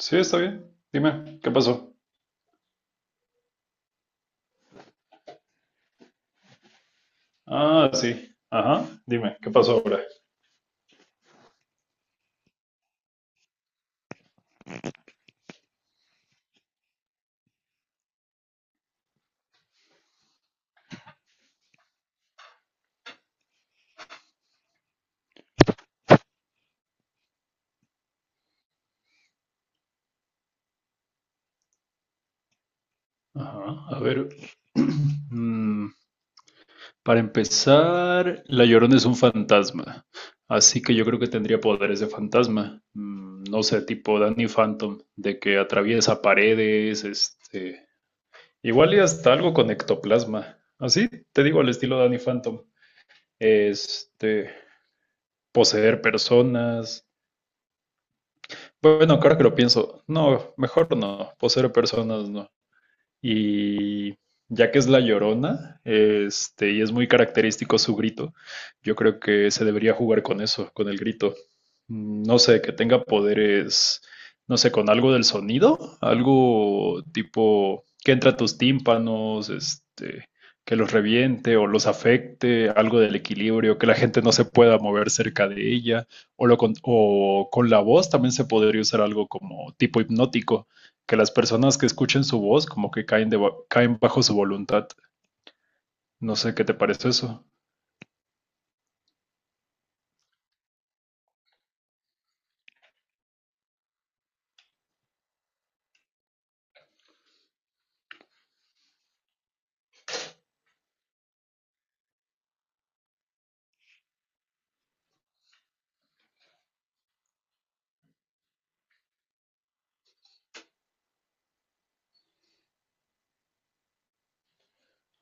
Sí, está bien. Dime, ¿qué pasó? Ah, sí. Ajá. Dime, ¿qué pasó ahora? Ajá. A ver. Mm, para empezar, la Llorona es un fantasma. Así que yo creo que tendría poderes de fantasma. No sé, tipo Danny Phantom, de que atraviesa paredes, Igual y hasta algo con ectoplasma. Así, te digo, al estilo Danny Phantom. Este. Poseer personas. Bueno, claro que lo pienso. No, mejor no. Por ser personas no. Y ya que es la Llorona, y es muy característico su grito, yo creo que se debería jugar con eso, con el grito. No sé, que tenga poderes, no sé, con algo del sonido, algo tipo que entra a tus tímpanos, que los reviente o los afecte, algo del equilibrio, que la gente no se pueda mover cerca de ella, o con la voz también se podría usar algo como tipo hipnótico, que las personas que escuchen su voz como que caen, caen bajo su voluntad. No sé qué te parece eso.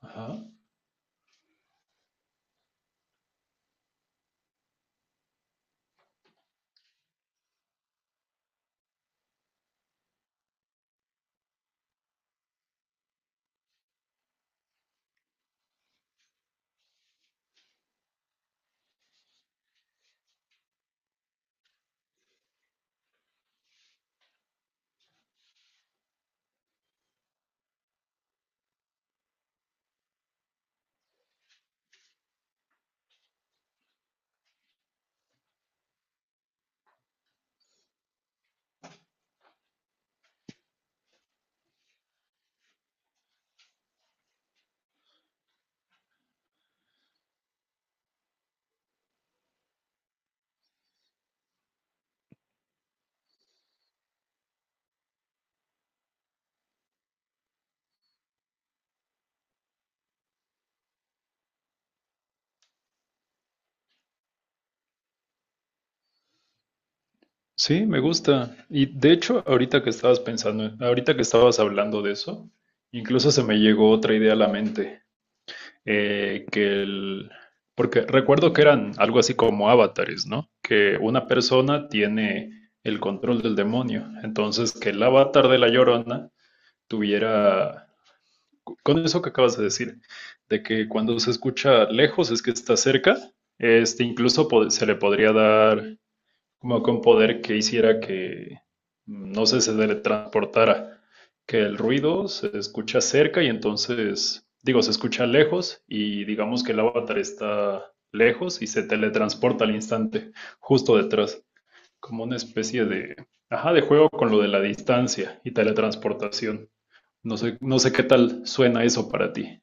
Ajá. Sí, me gusta. Y de hecho, ahorita que estabas hablando de eso, incluso se me llegó otra idea a la mente, que el... Porque recuerdo que eran algo así como avatares, ¿no? Que una persona tiene el control del demonio. Entonces, que el avatar de la Llorona tuviera, con eso que acabas de decir, de que cuando se escucha lejos es que está cerca, se le podría dar como con poder que hiciera que, no sé, se teletransportara, que el ruido se escucha cerca y entonces, digo, se escucha lejos y digamos que el avatar está lejos y se teletransporta al instante, justo detrás, como una especie de, ajá, de juego con lo de la distancia y teletransportación. No sé qué tal suena eso para ti.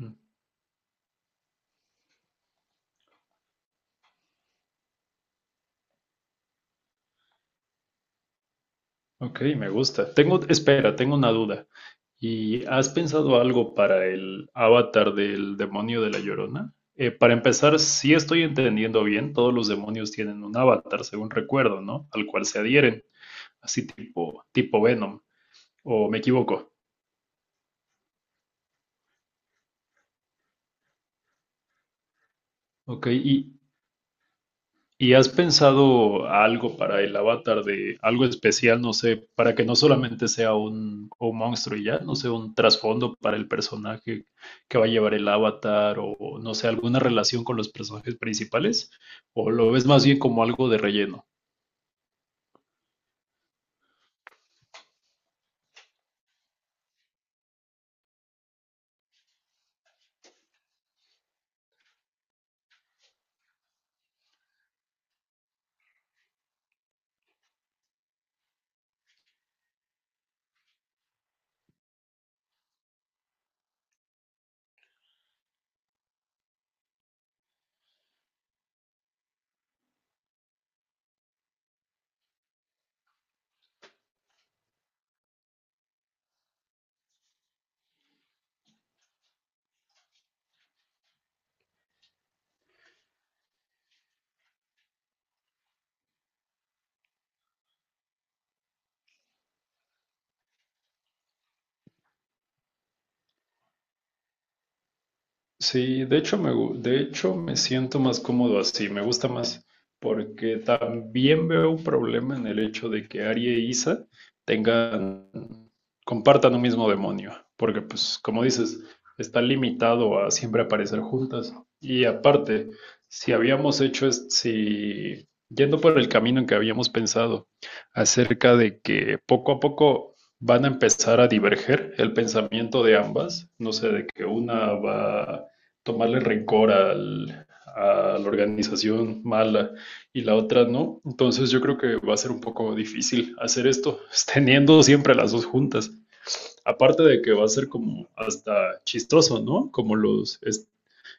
Mm. Ok, me gusta. Tengo una duda. ¿Y has pensado algo para el avatar del demonio de la Llorona? Para empezar, si estoy entendiendo bien, todos los demonios tienen un avatar, según recuerdo, ¿no? Al cual se adhieren, así tipo Venom, o me equivoco. Ok, ¿y ¿Y has pensado algo para el avatar de algo especial, no sé, para que no solamente sea un monstruo y ya, no sé, un trasfondo para el personaje que va a llevar el avatar o no sé, alguna relación con los personajes principales? ¿O lo ves más bien como algo de relleno? Sí, de hecho me siento más cómodo así, me gusta más, porque también veo un problema en el hecho de que Ari e Isa tengan, compartan un mismo demonio, porque pues como dices, está limitado a siempre aparecer juntas. Y aparte, si yendo por el camino en que habíamos pensado acerca de que poco a poco van a empezar a diverger el pensamiento de ambas, no sé, de que una va tomarle rencor a la organización mala y la otra no. Entonces yo creo que va a ser un poco difícil hacer esto, teniendo siempre las dos juntas. Aparte de que va a ser como hasta chistoso, ¿no?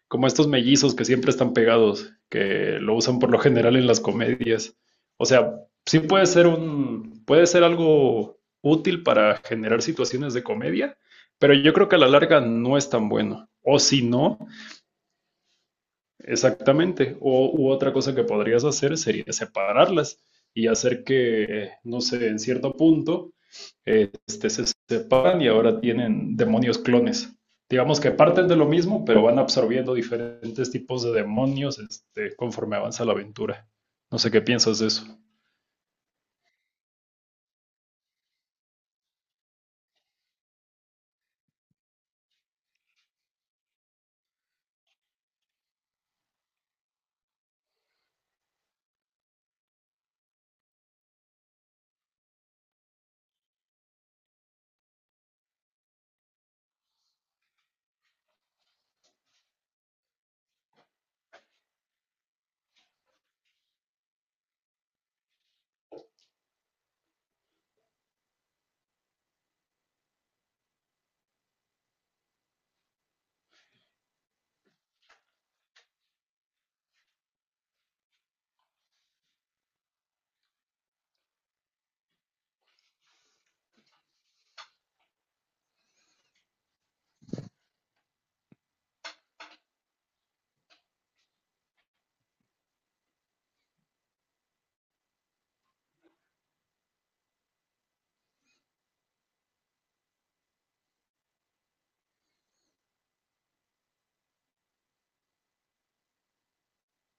Como estos mellizos que siempre están pegados, que lo usan por lo general en las comedias. O sea, sí puede ser puede ser algo útil para generar situaciones de comedia, pero yo creo que a la larga no es tan bueno. O si no, exactamente. O, u otra cosa que podrías hacer sería separarlas y hacer que, no sé, en cierto punto, se separan y ahora tienen demonios clones. Digamos que parten de lo mismo, pero van absorbiendo diferentes tipos de demonios, conforme avanza la aventura. No sé qué piensas de eso.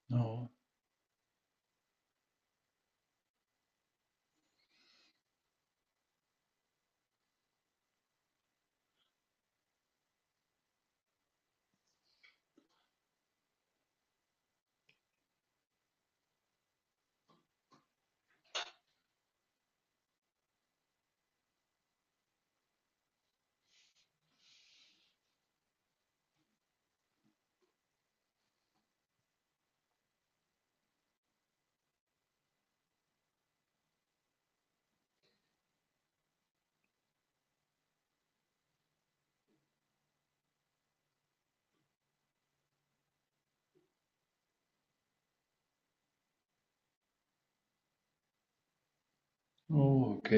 No. Oh, ok.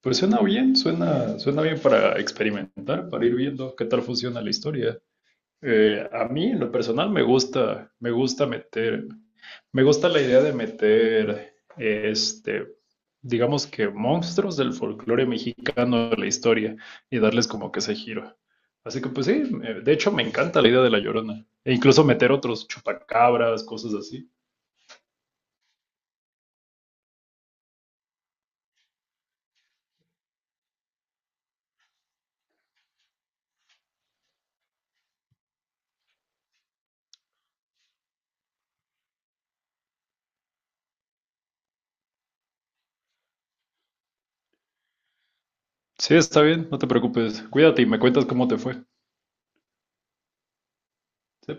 Pues suena bien, suena bien para experimentar, para ir viendo qué tal funciona la historia. A mí, en lo personal, me gusta meter, me gusta la idea de meter, digamos que monstruos del folclore mexicano a la historia y darles como que ese giro. Así que, pues sí, de hecho me encanta la idea de La Llorona. E incluso meter otros chupacabras, cosas así. Sí, está bien, no te preocupes. Cuídate y me cuentas cómo te fue. Sí.